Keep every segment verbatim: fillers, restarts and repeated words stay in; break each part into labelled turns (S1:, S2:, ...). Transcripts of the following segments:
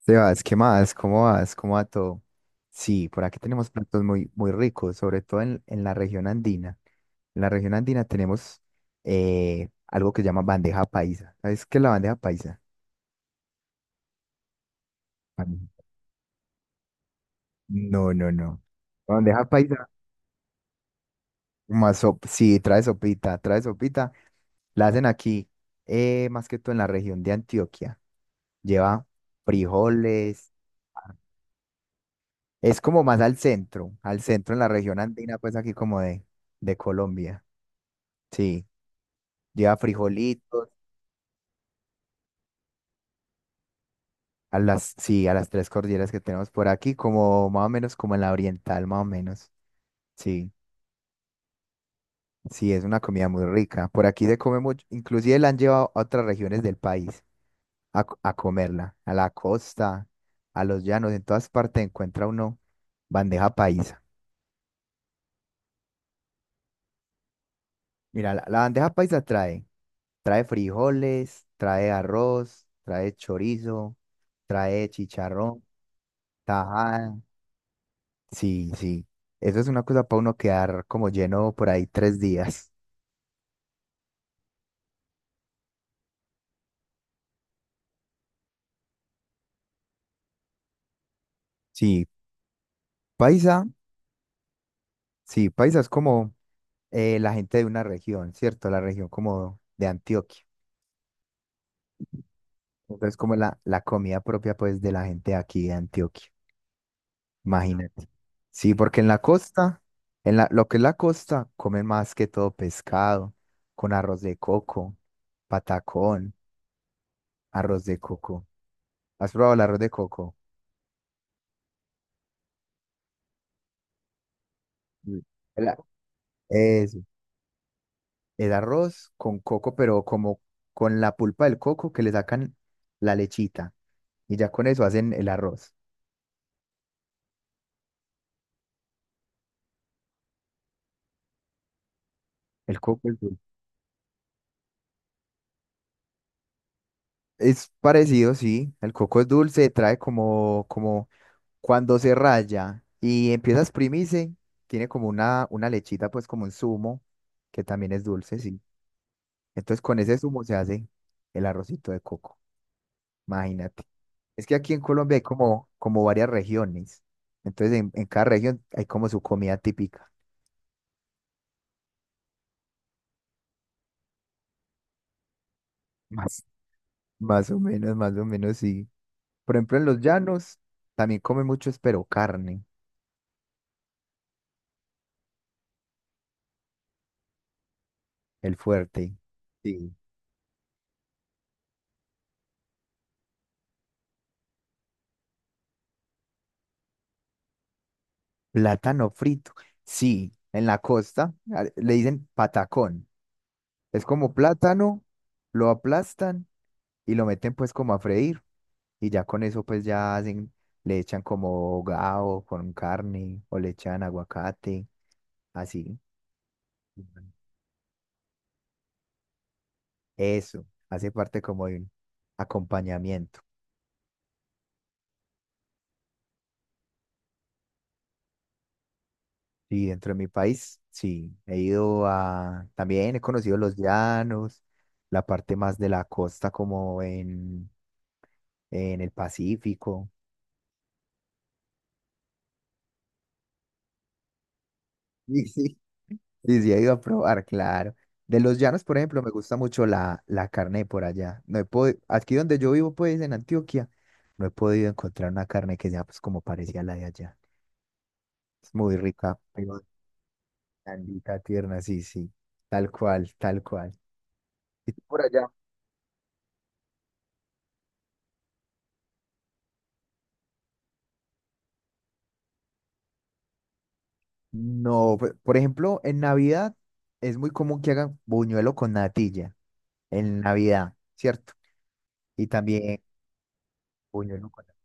S1: Sebas, ¿qué más? ¿Cómo vas? ¿Cómo va todo? Sí, por aquí tenemos platos muy, muy ricos, sobre todo en, en la región andina. En la región andina tenemos eh, algo que se llama bandeja paisa. ¿Sabes qué es la bandeja paisa? Ah, no, no, no. Bandeja paisa, más sop- sí, trae sopita, trae sopita. La hacen aquí, eh, más que todo en la región de Antioquia. Lleva frijoles. Es como más al centro, al centro en la región andina, pues aquí como de, de Colombia. Sí, lleva frijolitos a las, sí, a las tres cordilleras que tenemos por aquí, como más o menos como en la oriental, más o menos. Sí, sí, es una comida muy rica. Por aquí se come mucho, inclusive la han llevado a otras regiones del país a, co- a comerla, a la costa, a los llanos, en todas partes encuentra uno bandeja paisa. Mira, la, la bandeja paisa trae, trae frijoles, trae arroz, trae chorizo, trae chicharrón, tajada. Sí, sí. Eso es una cosa para uno quedar como lleno por ahí tres días. Sí, paisa, sí, paisa es como eh, la gente de una región, ¿cierto? La región como de Antioquia. Entonces, como la, la comida propia, pues, de la gente aquí de Antioquia. Imagínate. Sí, porque en la costa, en la, lo que es la costa, comen más que todo pescado, con arroz de coco, patacón, arroz de coco. ¿Has probado el arroz de coco? Sí. El eso. Es arroz con coco, pero como con la pulpa del coco que le sacan la lechita. Y ya con eso hacen el arroz. El coco es dulce. Es parecido, sí. El coco es dulce, trae como, como cuando se raya y empieza a exprimirse, tiene como una, una lechita, pues como un zumo, que también es dulce, sí. Entonces con ese zumo se hace el arrocito de coco. Imagínate. Es que aquí en Colombia hay como, como varias regiones. Entonces en en cada región hay como su comida típica. Más, más o menos, más o menos, sí. Por ejemplo, en los llanos también comen mucho, es pero carne, el fuerte. Sí. Plátano frito. Sí, en la costa a- le dicen patacón. Es como plátano, lo aplastan y lo meten pues como a freír. Y ya con eso pues ya hacen, le echan como gao con carne o le echan aguacate, así. Ujú. Eso, hace parte como de un acompañamiento. Sí, dentro de mi país, sí, he ido a, también he conocido los llanos, la parte más de la costa como en, en el Pacífico. Sí, sí, sí, sí, he ido a probar, claro. De los llanos, por ejemplo, me gusta mucho la, la carne de por allá. No he podi- Aquí donde yo vivo, pues, en Antioquia, no he podido encontrar una carne que sea, pues, como parecía la de allá. Es muy rica, pero blandita, tierna, sí, sí, tal cual, tal cual. ¿Y tú por allá? No, pe- Por ejemplo, en Navidad es muy común que hagan buñuelo con natilla, en Navidad, ¿cierto? Y también buñuelo con natilla.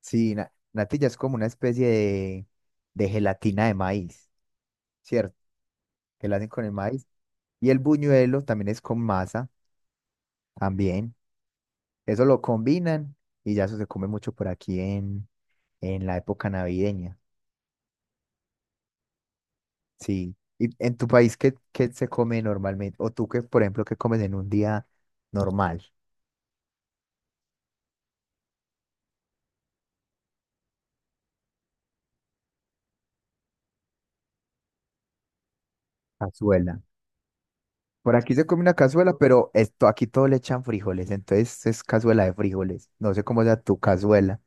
S1: Sí, na- natilla es como una especie de, de gelatina de maíz, ¿cierto? Que la hacen con el maíz. Y el buñuelo también es con masa, también. Eso lo combinan y ya eso se come mucho por aquí en, en la época navideña. Sí. ¿Y en tu país qué, qué se come normalmente? O tú que, por ejemplo, qué comes en un día normal, cazuela. Por aquí se come una cazuela, pero esto aquí todo le echan frijoles, entonces es cazuela de frijoles. No sé cómo sea tu cazuela.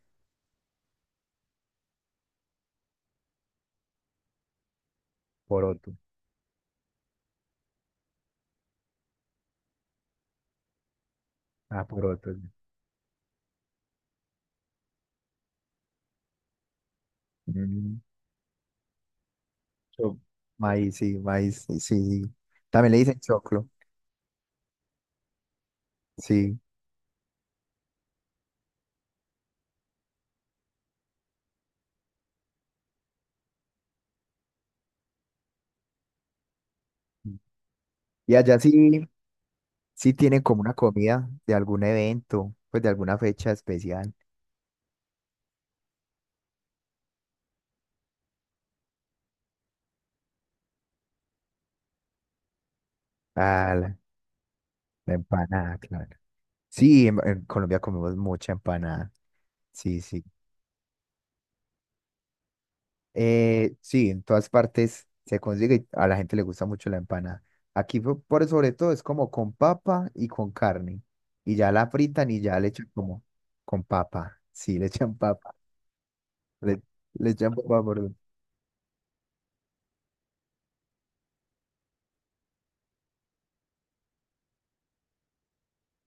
S1: Poroto. Ah, poroto, sí. Mm, cho- maíz, sí, maíz, sí, sí, sí. También le dicen choclo, sí. Y allá sí, sí tienen como una comida de algún evento, pues de alguna fecha especial. Ah, la, la empanada, claro. Sí, en, en Colombia comemos mucha empanada. Sí, sí. Eh, sí, en todas partes se consigue y a la gente le gusta mucho la empanada. Aquí po- por sobre todo es como con papa y con carne. Y ya la fritan y ya le echan como con papa. Sí, le echan papa. Le, le echan papa por...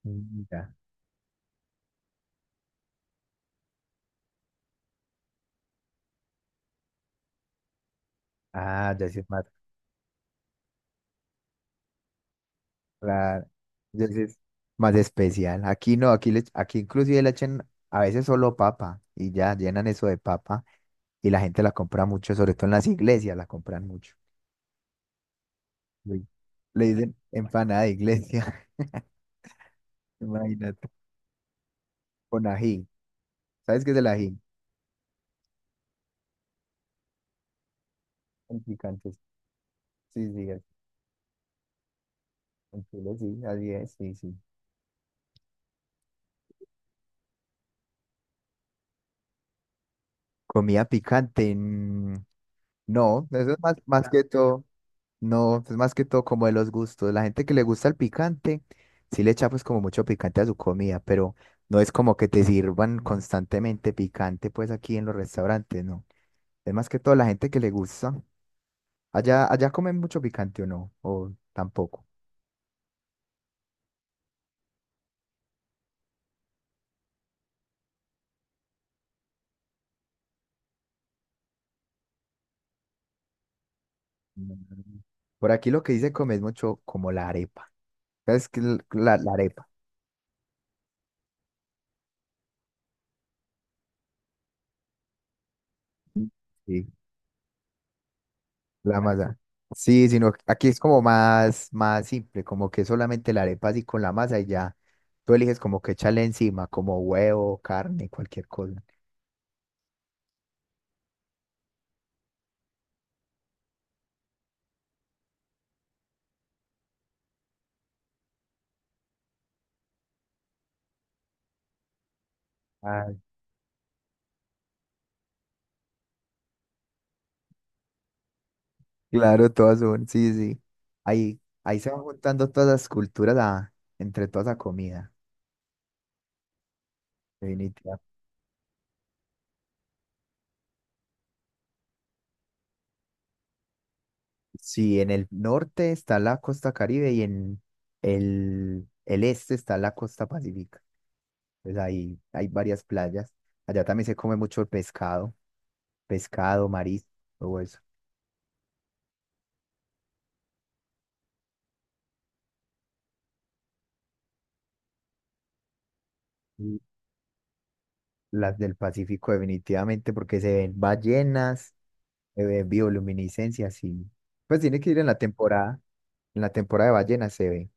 S1: Mm, ya. Ah, ya sí es más claro. Ya sí es más especial. Aquí no, aquí, le, aquí inclusive le echan a veces solo papa y ya llenan eso de papa y la gente la compra mucho, sobre todo en las iglesias la compran mucho. Le le dicen empanada de iglesia. Imagínate, con ají. ¿Sabes qué es el ají? Con picantes. Sí, sí, es- en Chile sí, así es, sí, sí. Comida picante. Mm, no, eso es más, más que todo. No, es más que todo como de los gustos. La gente que le gusta el picante, sí le echa pues como mucho picante a su comida, pero no es como que te sirvan constantemente picante pues aquí en los restaurantes, no. Es más que todo la gente que le gusta. Allá, allá comen mucho picante o no, o tampoco. Mm. Por aquí lo que dice come es mucho como la arepa. Es que l- la, la arepa. Sí, la masa. Sí, sino que aquí es como más, más simple, como que solamente la arepa así con la masa y ya. Tú eliges como que echarle encima, como huevo, carne, cualquier cosa. Ah, claro, todas son, sí, sí. Ahí, ahí se van juntando todas las culturas a- entre toda esa comida. Definitiva. Sí, en el norte está la costa Caribe y en el, el este está la costa Pacífica. Pues ahí hay varias playas. Allá también se come mucho pescado, pescado, marisco, todo eso. Y las del Pacífico definitivamente porque se ven ballenas, se ven bioluminiscencias y pues tiene que ir en la temporada, en la temporada de ballenas se ve.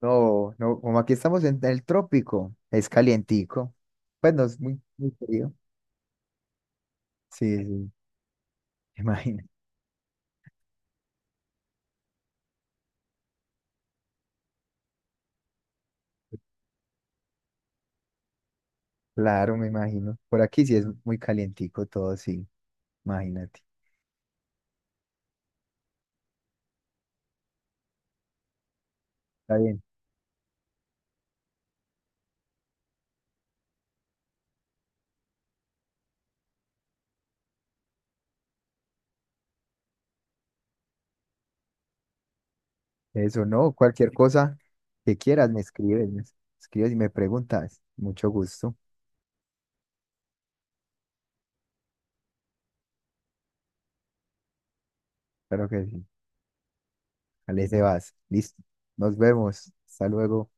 S1: No, no, como aquí estamos en el trópico, es calientico. Pues no es muy, muy frío. Sí, sí, imagino. Claro, me imagino. Por aquí sí es muy calientico todo, sí, imagínate. Está bien. Eso no, cualquier cosa que quieras me escribes, me escribes y me preguntas. Mucho gusto. Claro que sí. Ale, vas. Listo. Nos vemos. Hasta luego.